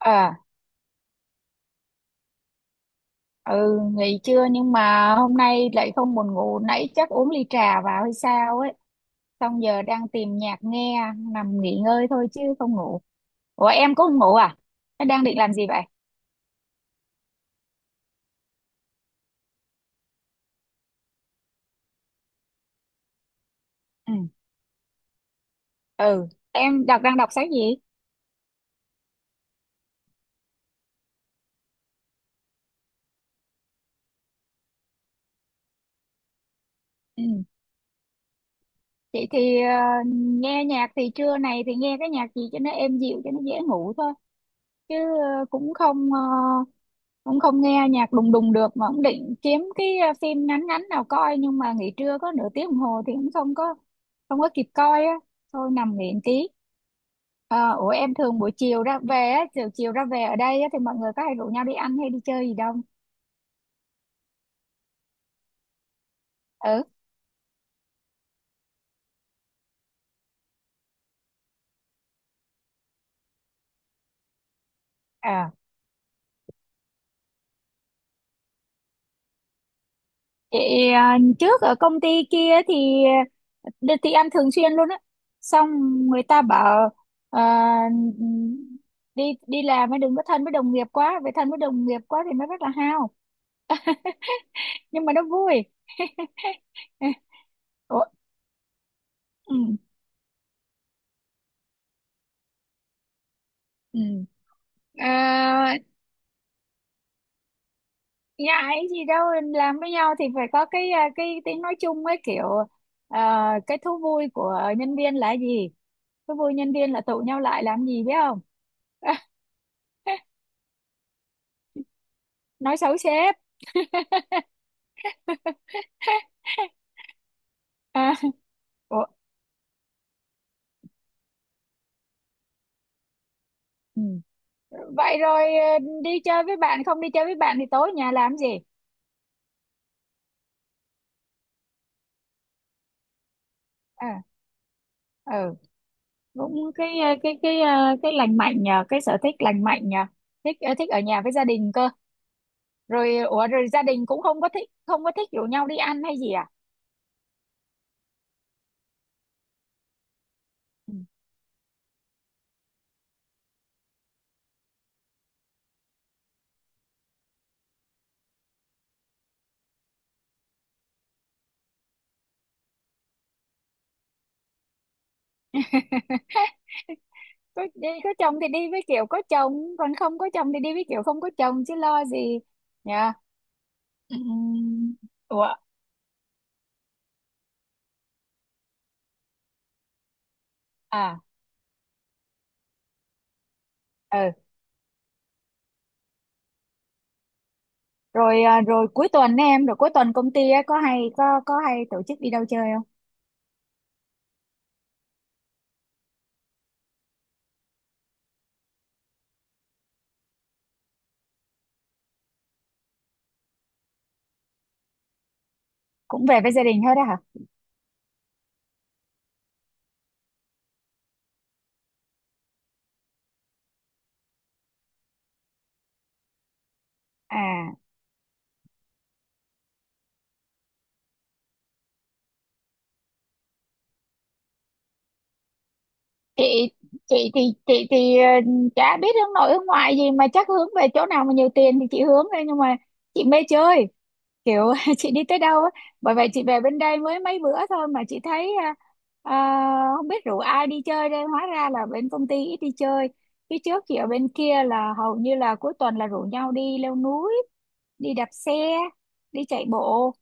À, ừ, nghỉ trưa nhưng mà hôm nay lại không buồn ngủ, nãy chắc uống ly trà vào hay sao ấy. Xong giờ đang tìm nhạc nghe, nằm nghỉ ngơi thôi chứ không ngủ. Ủa em có ngủ à? Thế đang định làm gì vậy? Ừ, ừ, em đang đọc sách gì? Ừ, chị thì nghe nhạc thì trưa này thì nghe cái nhạc gì cho nó êm dịu cho nó dễ ngủ thôi. Chứ ờ, cũng không ờ, cũng không nghe nhạc đùng đùng được, mà cũng định kiếm cái phim ngắn ngắn nào coi, nhưng mà nghỉ trưa có nửa tiếng đồng hồ thì cũng không có, không có kịp coi á, thôi nằm nghỉ một tí. Ờ, Ủa em thường buổi chiều ra về á, chiều chiều ra về ở đây á, thì mọi người có hay rủ nhau đi ăn hay đi chơi gì đâu? Ừ. À. Vậy, trước ở công ty kia thì thì ăn thường xuyên luôn á, xong người ta bảo, à, đi đi làm mới đừng có thân với đồng nghiệp quá, vậy thân với đồng nghiệp quá thì nó rất là hao, nhưng mà nó vui. Ủa, ừ, ừ. À, ngại gì đâu, làm với nhau thì phải có cái, cái tiếng nói chung ấy, kiểu cái thú vui của nhân viên là gì, thú vui nhân viên là tụ nhau lại làm gì biết không, nói xấu sếp. À, Ủa, ừ. Vậy rồi đi chơi với bạn, không đi chơi với bạn thì tối nhà làm gì? À, ừ, cũng cái cái lành mạnh nhờ, cái sở thích lành mạnh nhờ, thích, thích ở nhà với gia đình cơ. Rồi ủa, rồi gia đình cũng không có thích, không có thích rủ nhau đi ăn hay gì à. Ừ. Có, đi, có chồng thì đi với kiểu có chồng, còn không có chồng thì đi với kiểu không có chồng, chứ lo gì nhờ. Ừm, ủa, à, ừ, rồi, à, rồi cuối tuần ấy em rồi cuối tuần công ty á, có hay có hay tổ chức đi đâu chơi không? Cũng về với gia đình hết á hả? À, chị chị thì chị thì chả biết hướng nội hướng ngoại gì, mà chắc hướng về chỗ nào mà nhiều tiền thì chị hướng thôi, nhưng mà chị mê chơi kiểu, chị đi tới đâu á, bởi vậy chị về bên đây mới mấy bữa thôi mà chị thấy, không biết rủ ai đi chơi đây, hóa ra là bên công ty ít đi chơi. Phía trước chị ở bên kia là hầu như là cuối tuần là rủ nhau đi leo núi, đi đạp xe, đi chạy bộ,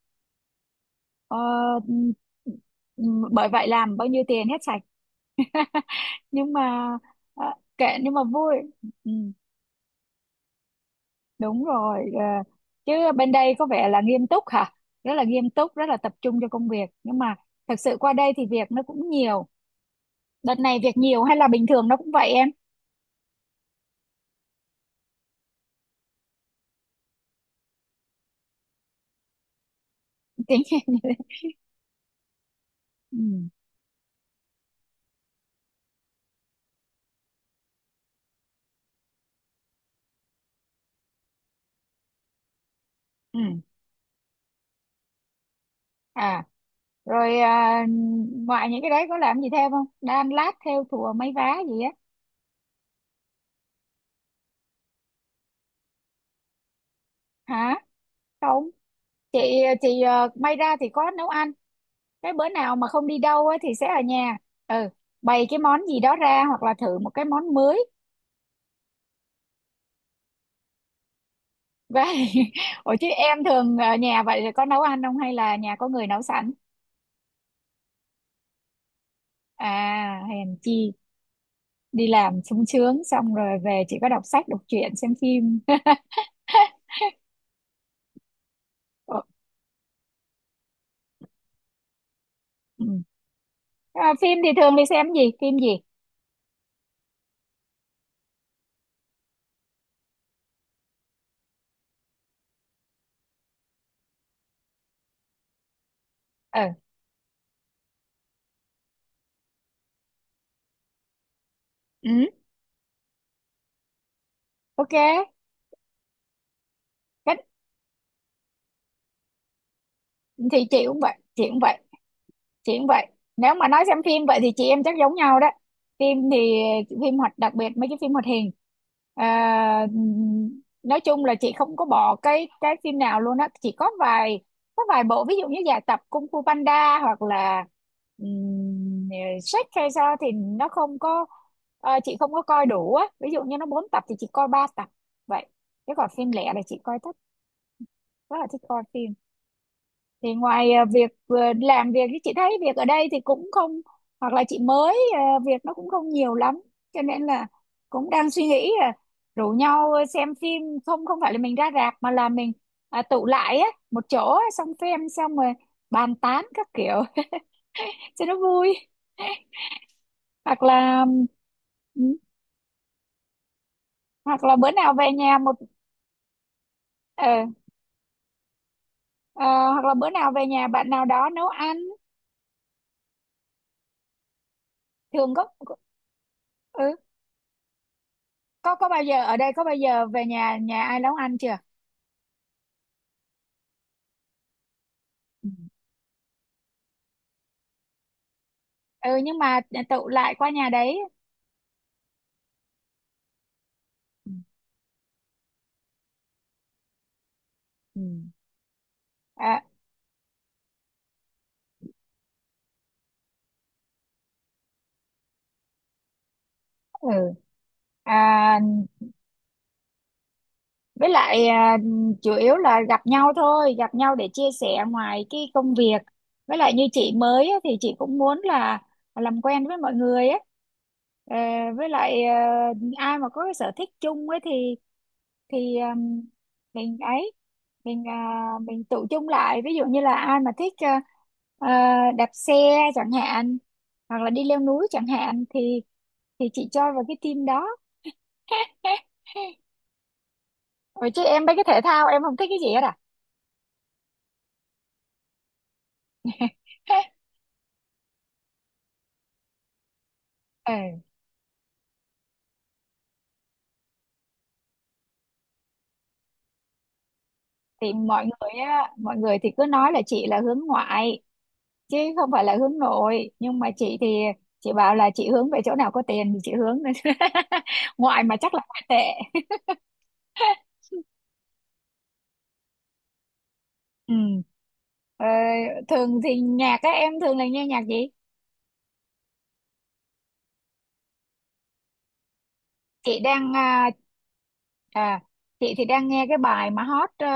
ờ, ừ, bởi vậy làm bao nhiêu tiền hết sạch, nhưng mà ờ, kệ, nhưng mà vui. Ừ, đúng rồi, chứ bên đây có vẻ là nghiêm túc hả, rất là nghiêm túc, rất là tập trung cho công việc, nhưng mà thật sự qua đây thì việc nó cũng nhiều. Đợt này việc nhiều hay là bình thường nó cũng vậy em? Tính ừ, ừ. À, rồi, ngoài những cái đấy có làm gì thêm không, đan lát thêu thùa mấy vá gì á? Hả, không, chị thì may ra thì có nấu ăn, cái bữa nào mà không đi đâu á, thì sẽ ở nhà, ừ, bày cái món gì đó ra, hoặc là thử một cái món mới vậy. Ủa chứ em thường ở nhà vậy thì có nấu ăn không, hay là nhà có người nấu sẵn? À, hèn chi, đi làm sung sướng, xong rồi về chỉ có đọc sách đọc truyện xem phim. Ờ, ừ. À, phim thì thường đi xem gì, phim gì? Ừ, ừ. Ok. Cách- thì chị cũng vậy, chị cũng vậy, nếu mà nói xem phim vậy thì chị em chắc giống nhau đó. Phim thì, phim hoạt, đặc biệt mấy cái phim hoạt hình, à, nói chung là chị không có bỏ cái phim nào luôn á, chỉ có vài, có vài bộ ví dụ như dài tập, Kung Fu Panda hoặc là um, Shrek hay sao, thì nó không có, chị không có coi đủ á, ví dụ như nó 4 tập thì chị coi 3 tập vậy. Chứ còn phim lẻ là chị coi thích, rất là thích coi phim. Thì ngoài làm việc thì chị thấy việc ở đây thì cũng không, hoặc là chị mới, việc nó cũng không nhiều lắm, cho nên là cũng đang suy nghĩ là rủ nhau xem phim, không không phải là mình ra rạp mà là mình, à, tụ lại á một chỗ á, xong xem xong rồi bàn tán các kiểu, cho nó vui. Hoặc là, ừ, hoặc là bữa nào về nhà một ờ, ờ, hoặc là bữa nào về nhà bạn nào đó nấu ăn thường có. Ừ, có bao giờ ở đây có bao giờ về nhà nhà ai nấu ăn chưa? Ừ, ừ, nhưng mà tụ lại qua nhà đấy. Ừ, ừ, à, ừ, à, với lại chủ yếu là gặp nhau thôi, gặp nhau để chia sẻ ngoài cái công việc. Với lại như chị mới á, thì chị cũng muốn là làm quen với mọi người á. Ờ, với lại ai mà có cái sở thích chung ấy thì, thì um, mình ấy, mình tụ chung lại, ví dụ như là ai mà thích, đạp xe chẳng hạn, hoặc là đi leo núi chẳng hạn, thì chị cho vào cái team đó. Ủa chứ em mấy cái thể thao em không thích cái gì hết à? Ừ. Thì mọi người á, mọi người thì cứ nói là chị là hướng ngoại chứ không phải là hướng nội, nhưng mà chị thì, chị bảo là chị hướng về chỗ nào có tiền thì chị hướng, ngoại mà chắc là ngoại tệ. Ừ. Ờ, thường thì nhạc á, em thường là nghe nhạc gì? chị đang à, à chị thì đang nghe cái bài mà hot,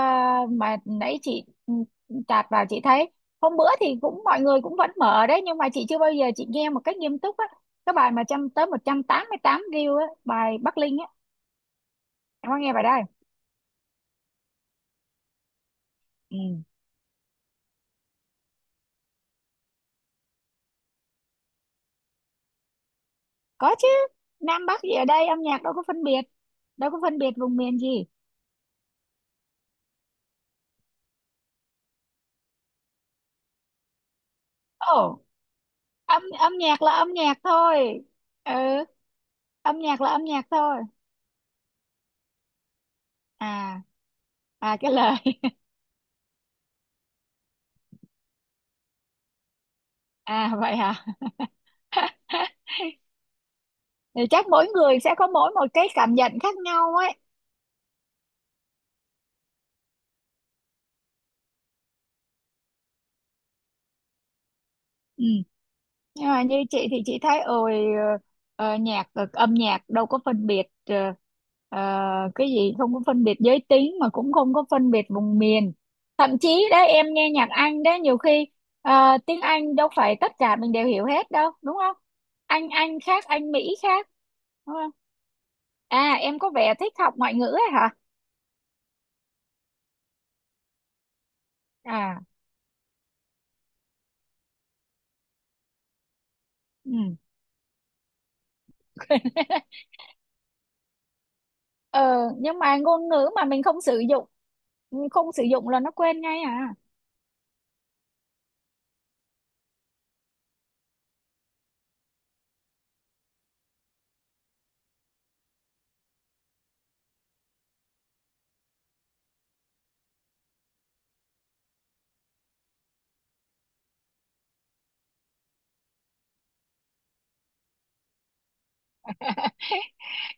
mà nãy chị, chạt vào chị thấy, hôm bữa thì cũng mọi người cũng vẫn mở đấy nhưng mà chị chưa bao giờ chị nghe một cách nghiêm túc á, cái bài mà trăm tới 188 view á, bài Bắc Linh á, em có nghe bài đó không? Ừ. Có chứ, Nam Bắc gì ở đây, âm nhạc đâu có phân biệt, đâu có phân biệt vùng miền gì. Ồ, âm âm nhạc là âm nhạc thôi. Ừ, âm nhạc là âm nhạc thôi. À, à, cái lời. À vậy hả. Thì chắc mỗi người sẽ có mỗi một cái cảm nhận khác nhau ấy. Ừ. Nhưng mà như chị thì chị thấy, ôi, ờ, âm nhạc đâu có phân biệt, cái gì không có phân biệt giới tính, mà cũng không có phân biệt vùng miền. Thậm chí đó, em nghe nhạc Anh đó nhiều khi, tiếng Anh đâu phải tất cả mình đều hiểu hết đâu đúng không, Anh Anh khác, Anh Mỹ khác, đúng không? À em có vẻ thích học ngoại ngữ ấy hả? À, ừ. Ờ, nhưng mà ngôn ngữ mà mình không sử dụng, không sử dụng là nó quên ngay à.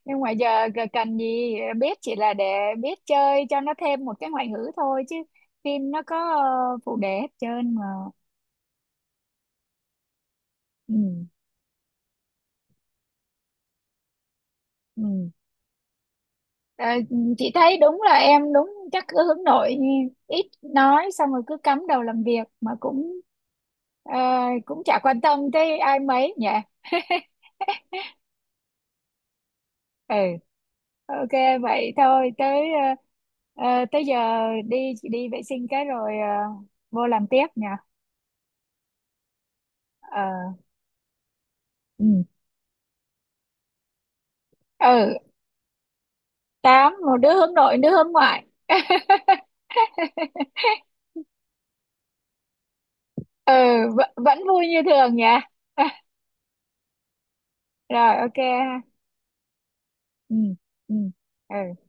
Nhưng mà giờ cần gì biết, chỉ là để biết chơi cho nó thêm một cái ngoại ngữ thôi, chứ phim nó có phụ đề hết trơn mà. Ừ, ừ. Ờ, chị thấy đúng là em chắc cứ hướng nội, ít nói, xong rồi cứ cắm đầu làm việc, mà cũng, ờ, cũng chả quan tâm tới ai mấy nhỉ. Ừ, ok. Vậy thôi tới, tới giờ đi đi vệ sinh cái rồi, vô làm tiếp nha. Ờ, ừ, ừ, tám một đứa hướng nội đứa hướng ngoại. Ừ, vẫn vui như thường nhỉ. Rồi, ok ha. Ừ, ừ, ừ.